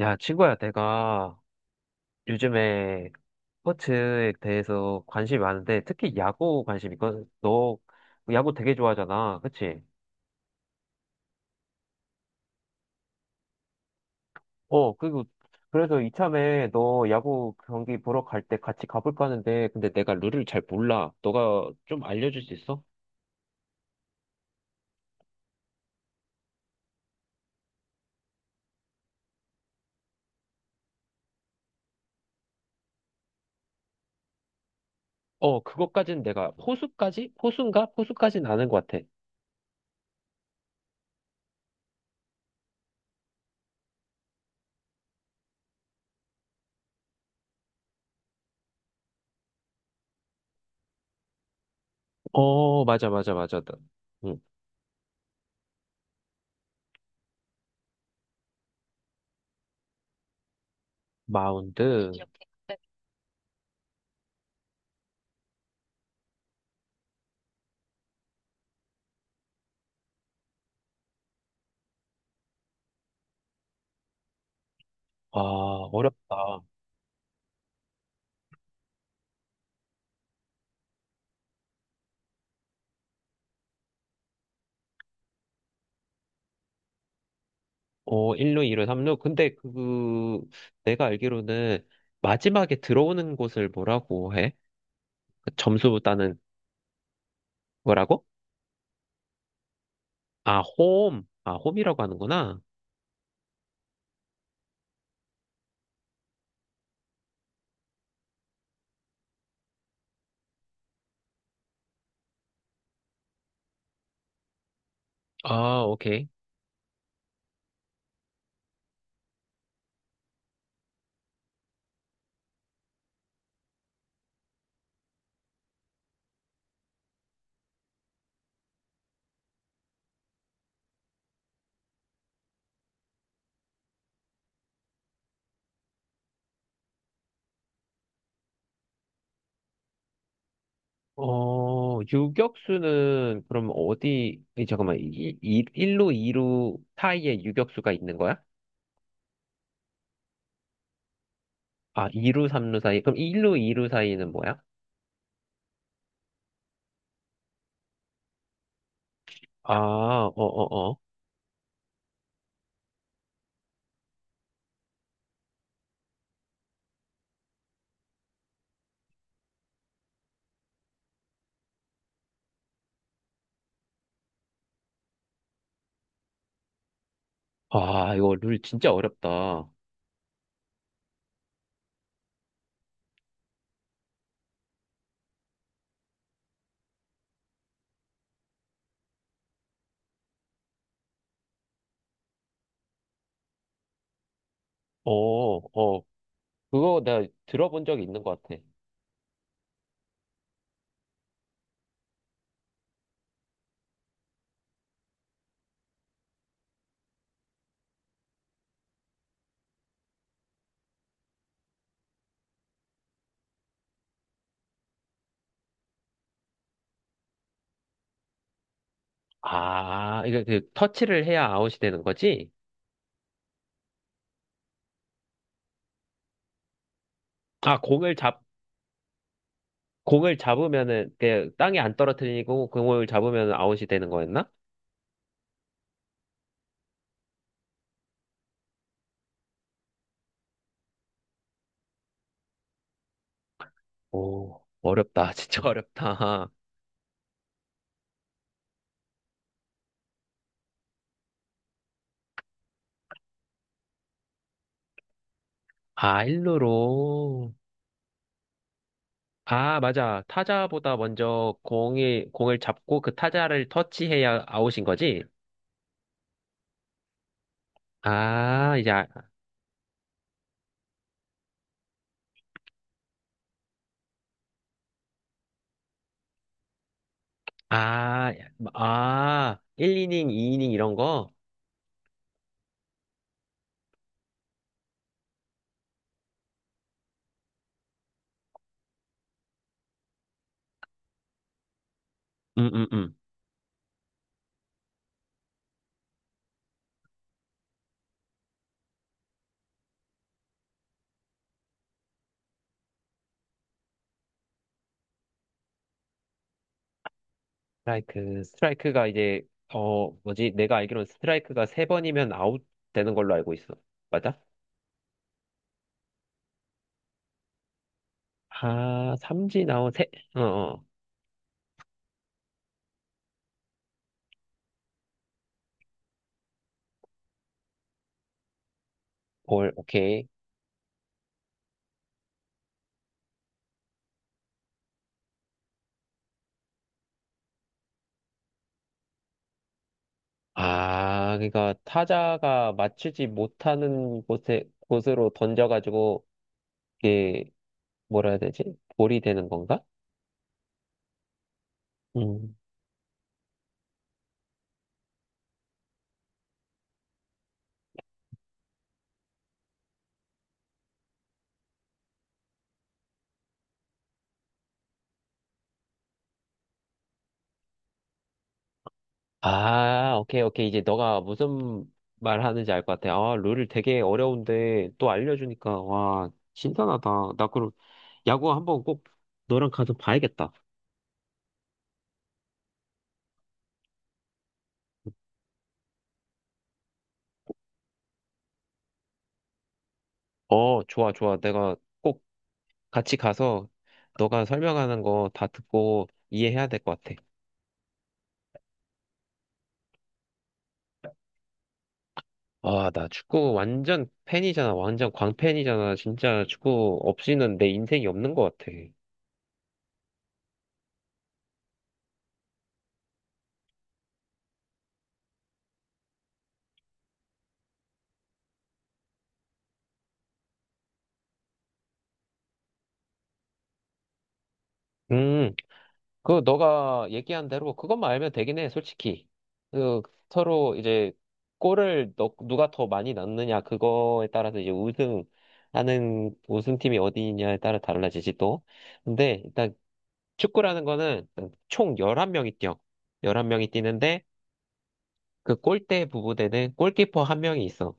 야, 친구야, 내가 요즘에 스포츠에 대해서 관심이 많은데, 특히 야구 관심이 있거든. 너 야구 되게 좋아하잖아. 그치? 어, 그리고, 그래서 이참에 너 야구 경기 보러 갈 때 같이 가볼까 하는데, 근데 내가 룰을 잘 몰라. 너가 좀 알려줄 수 있어? 그것까지는 내가, 포수까지? 포수인가? 포수까지는 아는 것 같아. 맞아, 맞아, 맞아. 응. 마운드. 아, 어렵다. 1루, 2루, 3루. 근데 그, 내가 알기로는 마지막에 들어오는 곳을 뭐라고 해? 그 점수 따는 거라고? 아, 홈. 아, 홈이라고 하는구나. 아, 오케이. 유격수는 그럼 어디, 잠깐만, 1루, 2루 사이에 유격수가 있는 거야? 아, 2루, 3루 사이. 그럼 1루, 2루 사이는 뭐야? 아, 어, 어, 어. 아, 이거 룰 진짜 어렵다. 어, 어. 그거 내가 들어본 적이 있는 것 같아. 아, 이거 그 터치를 해야 아웃이 되는 거지? 아, 공을 잡으면은, 그, 땅에 안 떨어뜨리고, 공을 잡으면 아웃이 되는 거였나? 오, 어렵다. 진짜 어렵다. 아, 일루로. 아, 맞아. 타자보다 먼저 공을 잡고 그 타자를 터치해야 아웃인 거지? 아, 이제, 아, 1이닝, 2이닝 이런 거? 음, 음, 음. 스트라이크가 이제, 어, 뭐지? 내가 알기로는 스트라이크가 세 번이면 아웃 되는 걸로 알고 있어. 맞아? 아, 삼진 아웃. 어, 어. 볼, 오케이. 아, 그러니까 타자가 맞추지 못하는 곳으로 던져가지고, 이게, 뭐라 해야 되지? 볼이 되는 건가? 음. 아, 오케이, 오케이. 이제 너가 무슨 말 하는지 알 것 같아. 아, 룰을 되게 어려운데 또 알려주니까, 와, 신선하다. 나 그럼 야구 한번 꼭 너랑 가서 봐야겠다. 어, 좋아, 좋아. 내가 꼭 같이 가서 너가 설명하는 거 다 듣고 이해해야 될 것 같아. 아, 나 축구 완전 팬이잖아. 완전 광팬이잖아. 진짜 축구 없이는 내 인생이 없는 것 같아. 음. 그 너가 얘기한 대로 그것만 알면 되긴 해, 솔직히. 그 서로 이제 누가 더 많이 넣느냐 그거에 따라서 이제 우승하는 우승팀이 어디냐에 따라 달라지지 또. 근데 일단 축구라는 거는 총 11명이 뛰어. 11명이 뛰는데 그 골대 부부대는 골키퍼 한 명이 있어.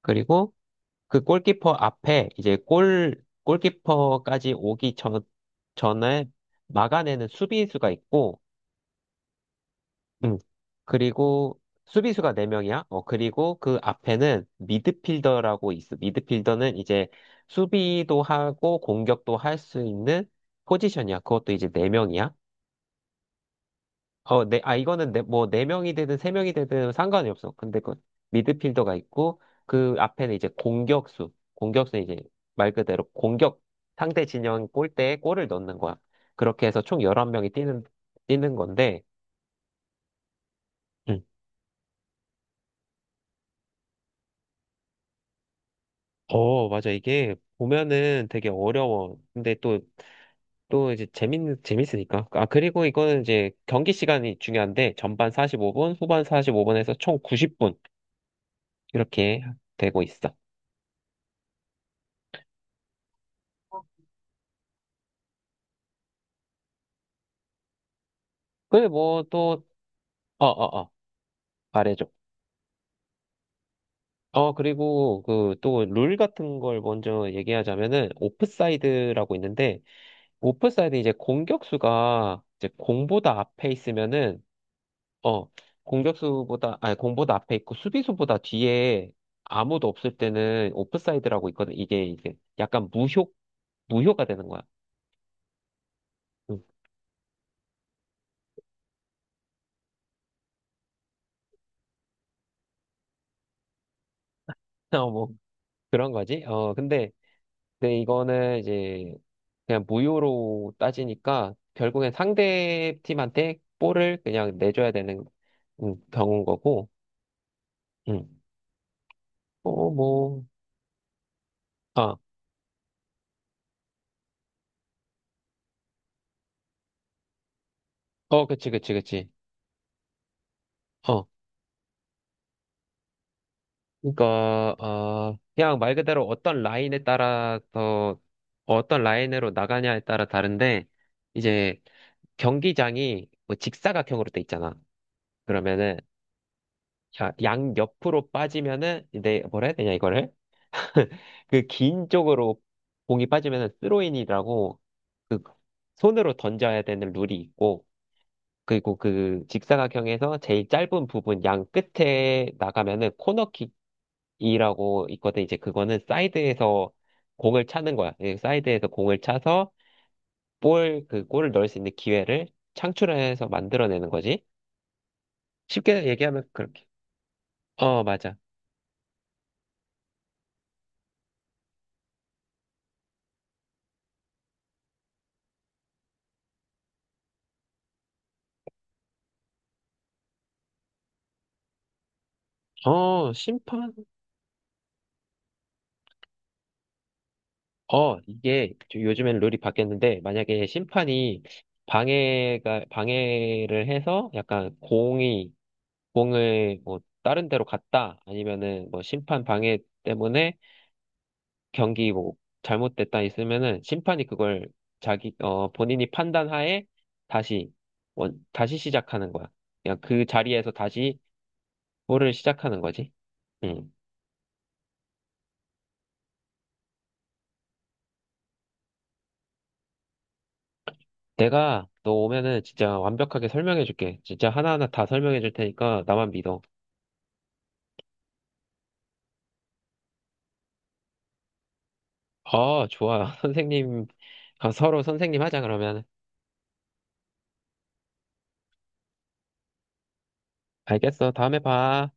그리고 그 골키퍼 앞에 이제 골 골키퍼까지 오기 전 전에 막아내는 수비수가 있고 응. 그리고 수비수가 4명이야. 어, 그리고 그 앞에는 미드필더라고 있어. 미드필더는 이제 수비도 하고 공격도 할 수 있는 포지션이야. 그것도 이제 4명이야. 어, 네, 아, 이거는 네, 뭐 4명이 되든 3명이 되든 상관이 없어. 근데 그 미드필더가 있고 그 앞에는 이제 공격수. 공격수는 이제 말 그대로 공격 상대 진영 골대에 골을 넣는 거야. 그렇게 해서 총 11명이 뛰는 건데, 응. 어, 맞아. 이게 보면은 되게 어려워. 근데 또 이제 재밌으니까. 아, 그리고 이거는 이제 경기 시간이 중요한데, 전반 45분, 후반 45분에서 총 90분. 이렇게 되고 있어. 그래, 뭐 또, 어, 어, 어, 말해줘. 어, 그리고 그 또 룰 같은 걸 먼저 얘기하자면은, 오프사이드라고 있는데, 오프사이드 이제 공격수가 이제 공보다 앞에 있으면은 어, 공격수보다, 아니, 공보다 앞에 있고 수비수보다 뒤에 아무도 없을 때는 오프사이드라고 있거든. 이게 이제 약간 무효가 되는 거야. 음. 어, 뭐, 그런 거지. 근데 이거는 이제 그냥 무효로 따지니까 결국엔 상대 팀한테 볼을 그냥 내줘야 되는 경우인 거고, 음. 어, 뭐, 아, 그치, 그치, 그치. 어. 그러니까 그냥 말 그대로 어떤 라인에 따라서 어떤 라인으로 나가냐에 따라 다른데 이제 경기장이 뭐 직사각형으로 돼 있잖아. 그러면은 양 옆으로 빠지면은 내 뭐라 해야 되냐 이거를 그 긴 쪽으로 공이 빠지면은 스로인이라고 그 손으로 던져야 되는 룰이 있고 그리고 그 직사각형에서 제일 짧은 부분 양 끝에 나가면은 코너킥이라고 있거든. 이제 그거는 사이드에서 공을 차는 거야. 예, 사이드에서 공을 차서 그 골을 넣을 수 있는 기회를 창출해서 만들어내는 거지. 쉽게 얘기하면 그렇게. 어, 맞아. 심판? 이게 요즘엔 룰이 바뀌었는데, 만약에 심판이 방해를 해서 약간 공을 뭐 다른 데로 갔다, 아니면은 뭐 심판 방해 때문에 경기 뭐 잘못됐다 있으면은 심판이 그걸 본인이 판단하에 다시, 다시 시작하는 거야. 그냥 그 자리에서 다시 볼을 시작하는 거지. 음. 내가 너 오면은 진짜 완벽하게 설명해 줄게. 진짜 하나하나 다 설명해 줄 테니까 나만 믿어. 아, 좋아. 선생님, 아, 서로 선생님 하자, 그러면. 알겠어. 다음에 봐.